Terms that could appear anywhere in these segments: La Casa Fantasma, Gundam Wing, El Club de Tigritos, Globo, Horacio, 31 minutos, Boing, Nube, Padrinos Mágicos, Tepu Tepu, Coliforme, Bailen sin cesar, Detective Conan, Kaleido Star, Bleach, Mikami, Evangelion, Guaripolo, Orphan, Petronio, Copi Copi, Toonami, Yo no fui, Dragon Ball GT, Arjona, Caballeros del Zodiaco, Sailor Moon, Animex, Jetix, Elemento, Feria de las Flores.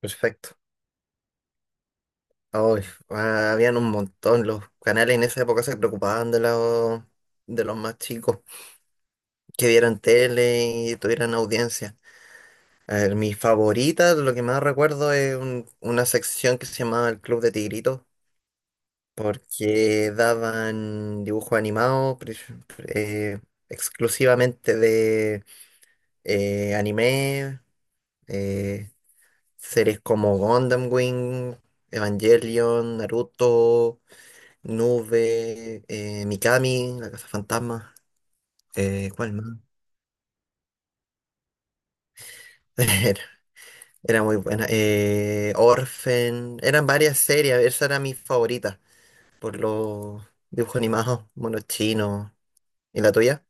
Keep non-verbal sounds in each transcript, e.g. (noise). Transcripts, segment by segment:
Perfecto. Ay, habían un montón. Los canales en esa época se preocupaban de de los más chicos, que vieran tele y tuvieran audiencia. A ver, mi favorita, lo que más recuerdo es una sección que se llamaba El Club de Tigritos, porque daban dibujos animados eh, exclusivamente de anime, eh, series como Gundam Wing, Evangelion, Naruto. Nube, Mikami, La Casa Fantasma, ¿cuál más? (laughs) Era, era muy buena. Orphan, eran varias series, esa era mi favorita, por los dibujos animados, monos chinos. ¿Y la tuya?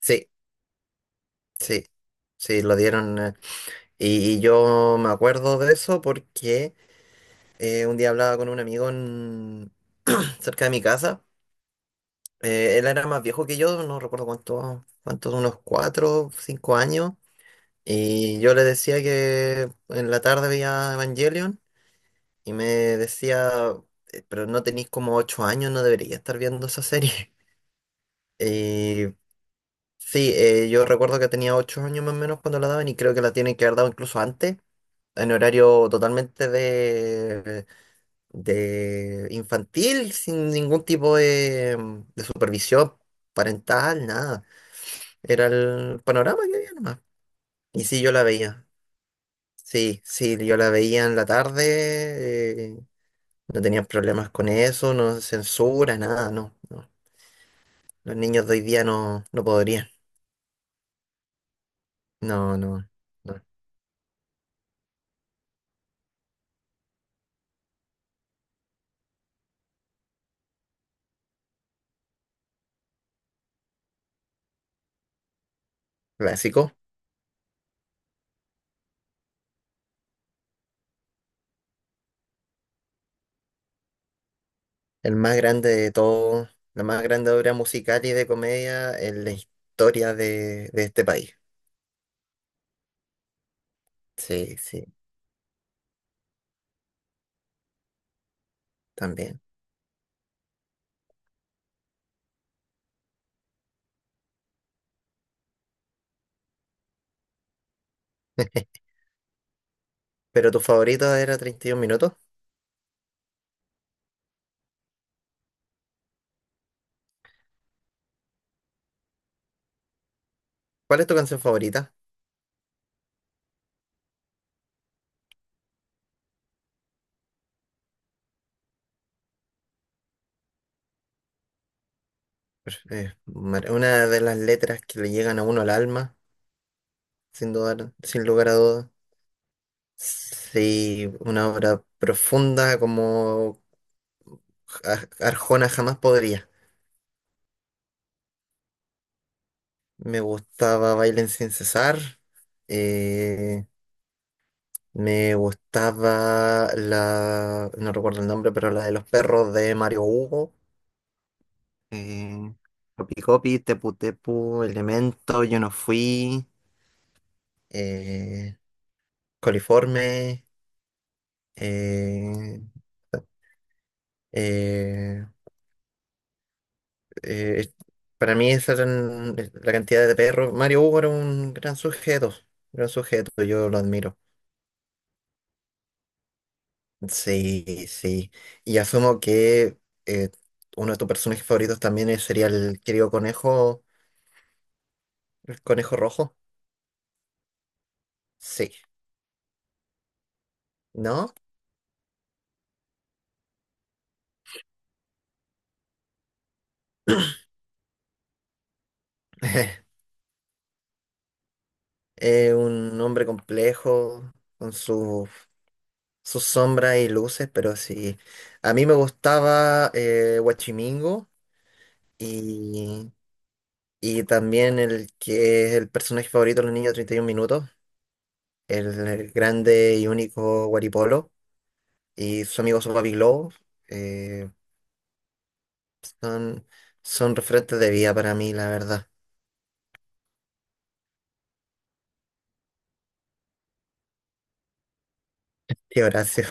Sí, sí, sí, lo dieron. Y yo me acuerdo de eso porque un día hablaba con un amigo (clears throat) cerca de mi casa. Él era más viejo que yo, no recuerdo cuántos, unos cuatro, cinco años. Y yo le decía que en la tarde veía Evangelion y me decía, pero no tenéis como 8 años, no debería estar viendo esa serie." (laughs) Y sí, yo recuerdo que tenía 8 años más o menos cuando la daban y creo que la tienen que haber dado incluso antes, en horario totalmente de infantil, sin ningún tipo de supervisión parental, nada. Era el panorama que había nomás. Y sí, yo la veía. Sí, sí, yo la veía en la tarde, no tenían problemas con eso, no censura, nada, no, no. Los niños de hoy día no, no podrían. No, no, no. Clásico, el más grande de todo, la más grande obra musical y de comedia en la historia de este país. Sí, sí, también. (laughs) Pero tu favorito era 31 minutos. ¿Cuál es tu canción favorita? Pues, una de las letras que le llegan a uno al alma, sin dudar, sin lugar a dudas. Sí, una obra profunda como Arjona jamás podría. Me gustaba Bailen sin cesar. eh, Me gustaba no recuerdo el nombre, pero la de los perros de Mario Hugo. Eh, Copi Copi, Tepu Tepu, Elemento, Yo no fui. eh, Coliforme. eh, eh, Eh, para mí esa eran la cantidad de perros. Mario Hugo era un gran sujeto, yo lo admiro. Sí, sí. Y asumo que eh, uno de tus personajes favoritos también sería el querido conejo, el conejo rojo. Sí, ¿no? (laughs) Un hombre complejo, con sus sombras y luces, pero sí. A mí me gustaba Huachimingo. y Y también el que es el personaje favorito de los niños de 31 minutos, el grande y único Guaripolo, y su amigo su papi Globo, eh, son, son referentes de vida para mí, la verdad. Y Horacio,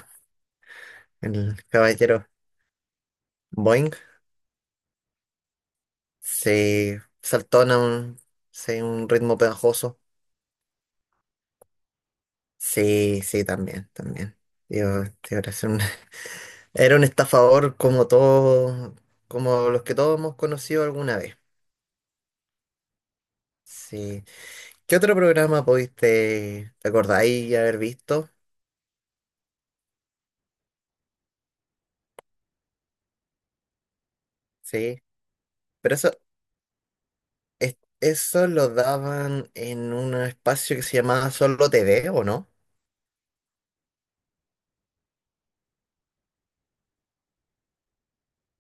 (laughs) el caballero Boing, se saltona un, sí, un ritmo pegajoso. Sí, sí, también, también. Tío, tío Horacio, (laughs) era un estafador como todos, como los que todos hemos conocido alguna vez. Sí. ¿Qué otro programa pudiste, te acordáis haber visto? Sí, pero eso, eso lo daban en un espacio que se llamaba Solo TV, ¿o no?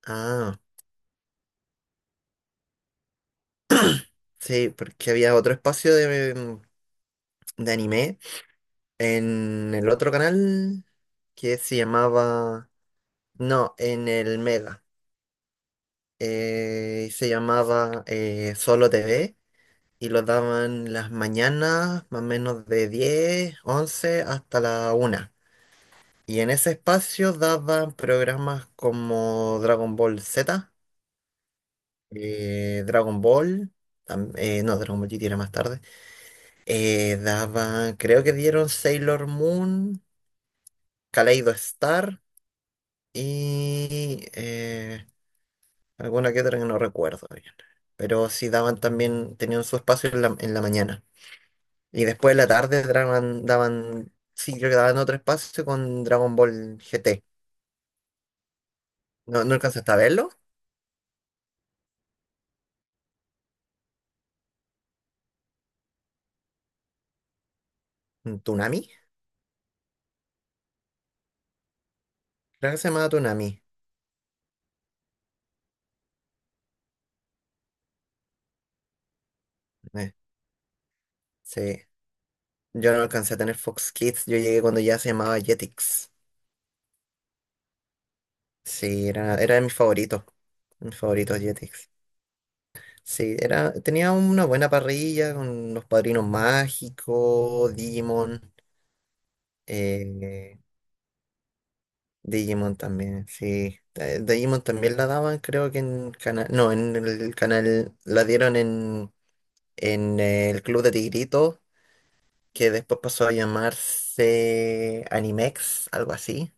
Ah, sí, porque había otro espacio de anime en el otro canal que se no, en el Mega, se llamaba Solo TV y lo daban las mañanas, más o menos de 10 11 hasta la una. Y en ese espacio daban programas como Dragon Ball Z, Dragon Ball, no, Dragon Ball GT era más tarde. Daban, creo que dieron Sailor Moon, Kaleido Star y alguna que otra que no recuerdo bien. Pero sí daban también, tenían su espacio en en la mañana. Y después en la tarde daban, sí, creo que daban otro espacio con Dragon Ball GT. ¿No, no alcanzaste a verlo? ¿Tunami? Creo que se llamaba Toonami. eh, sí. Yo no alcancé a tener Fox Kids. Yo llegué cuando ya se llamaba Jetix. Sí, era de mis favoritos. Mis favoritos Jetix. Sí, era, tenía una buena parrilla con los Padrinos Mágicos, Digimon. eh, Digimon también, sí. Digimon también la daban, creo que en canal. No, en el canal. La dieron en el Club de Tigritos, que después pasó a llamarse Animex, algo así.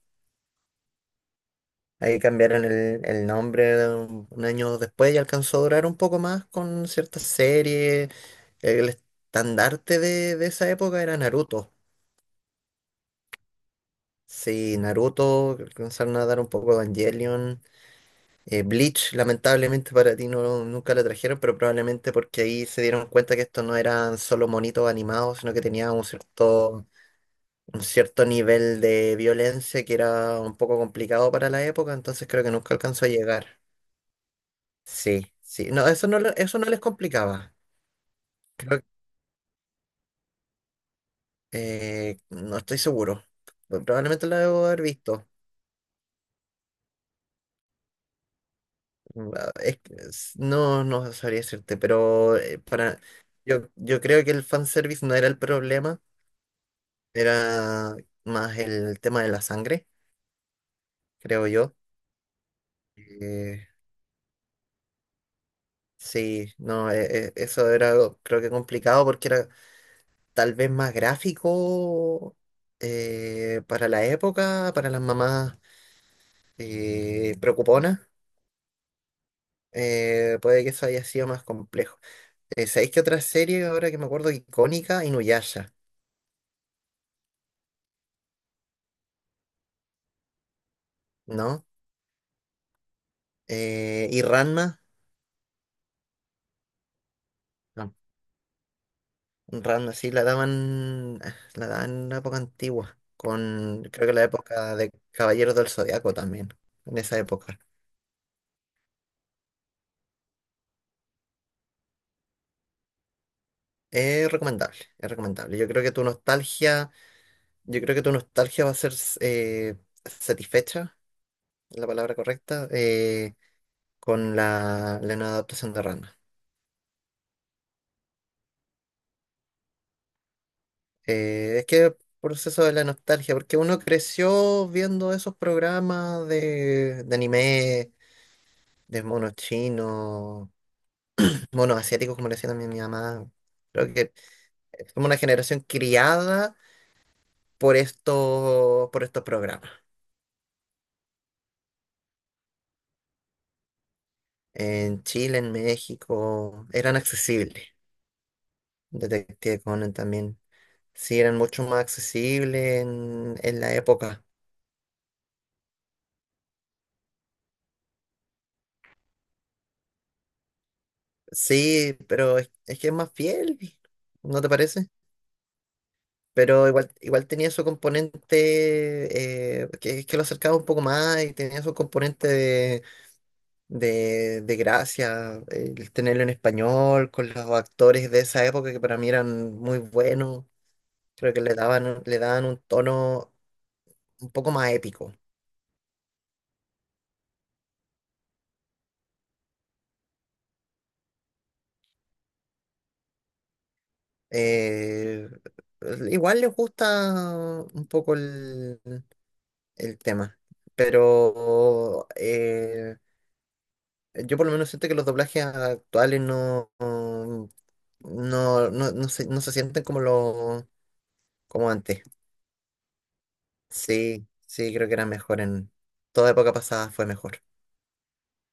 Ahí cambiaron el nombre un año después y alcanzó a durar un poco más con ciertas series. El estandarte de esa época era Naruto. Sí, Naruto, alcanzaron a dar un poco Evangelion. Bleach, lamentablemente para ti no, nunca la trajeron, pero probablemente porque ahí se dieron cuenta que esto no eran solo monitos animados, sino que tenía un cierto nivel de violencia que era un poco complicado para la época, entonces creo que nunca alcanzó a llegar. Sí, sí. No, eso no, eso no les complicaba. Creo que no estoy seguro. Probablemente lo debo haber visto. Mm, ah, es que no, no sabría decirte, pero para yo, yo creo que el fanservice no era el problema, era más el tema de la sangre, creo yo. Eh, sí, no, eso era algo, creo que complicado porque era tal vez más gráfico para la época, para las mamás preocuponas. Puede que eso haya sido más complejo. ¿Sabéis qué otra serie ahora que me acuerdo icónica? Inuyasha, ¿no? ¿Y Ranma? No. Ranma, sí, la daban, ah, la daban en una época antigua, con creo que la época de Caballeros del Zodiaco también, en esa época. Es recomendable, es recomendable. Yo creo que tu nostalgia, yo creo que tu nostalgia va a ser eh, satisfecha, es la palabra correcta, con la nueva adaptación de Ranma. Es que proceso de la nostalgia, porque uno creció viendo esos programas de anime, de monos chinos, monos asiáticos, como le decía también mi mamá. Creo que somos una generación criada por por estos programas. En Chile, en México, eran accesibles. Detective Conan también. Sí, eran mucho más accesibles en la época. Sí, pero es que es más fiel, ¿no te parece? Pero igual, igual tenía su componente que lo acercaba un poco más y tenía su componente de gracia, el tenerlo en español, con los actores de esa época que para mí eran muy buenos, creo que le le daban un tono un poco más épico. Eh, igual les gusta un poco el tema, pero yo por lo menos siento que los doblajes actuales no se sienten como como antes. Sí, sí, creo que era mejor en toda época pasada fue mejor.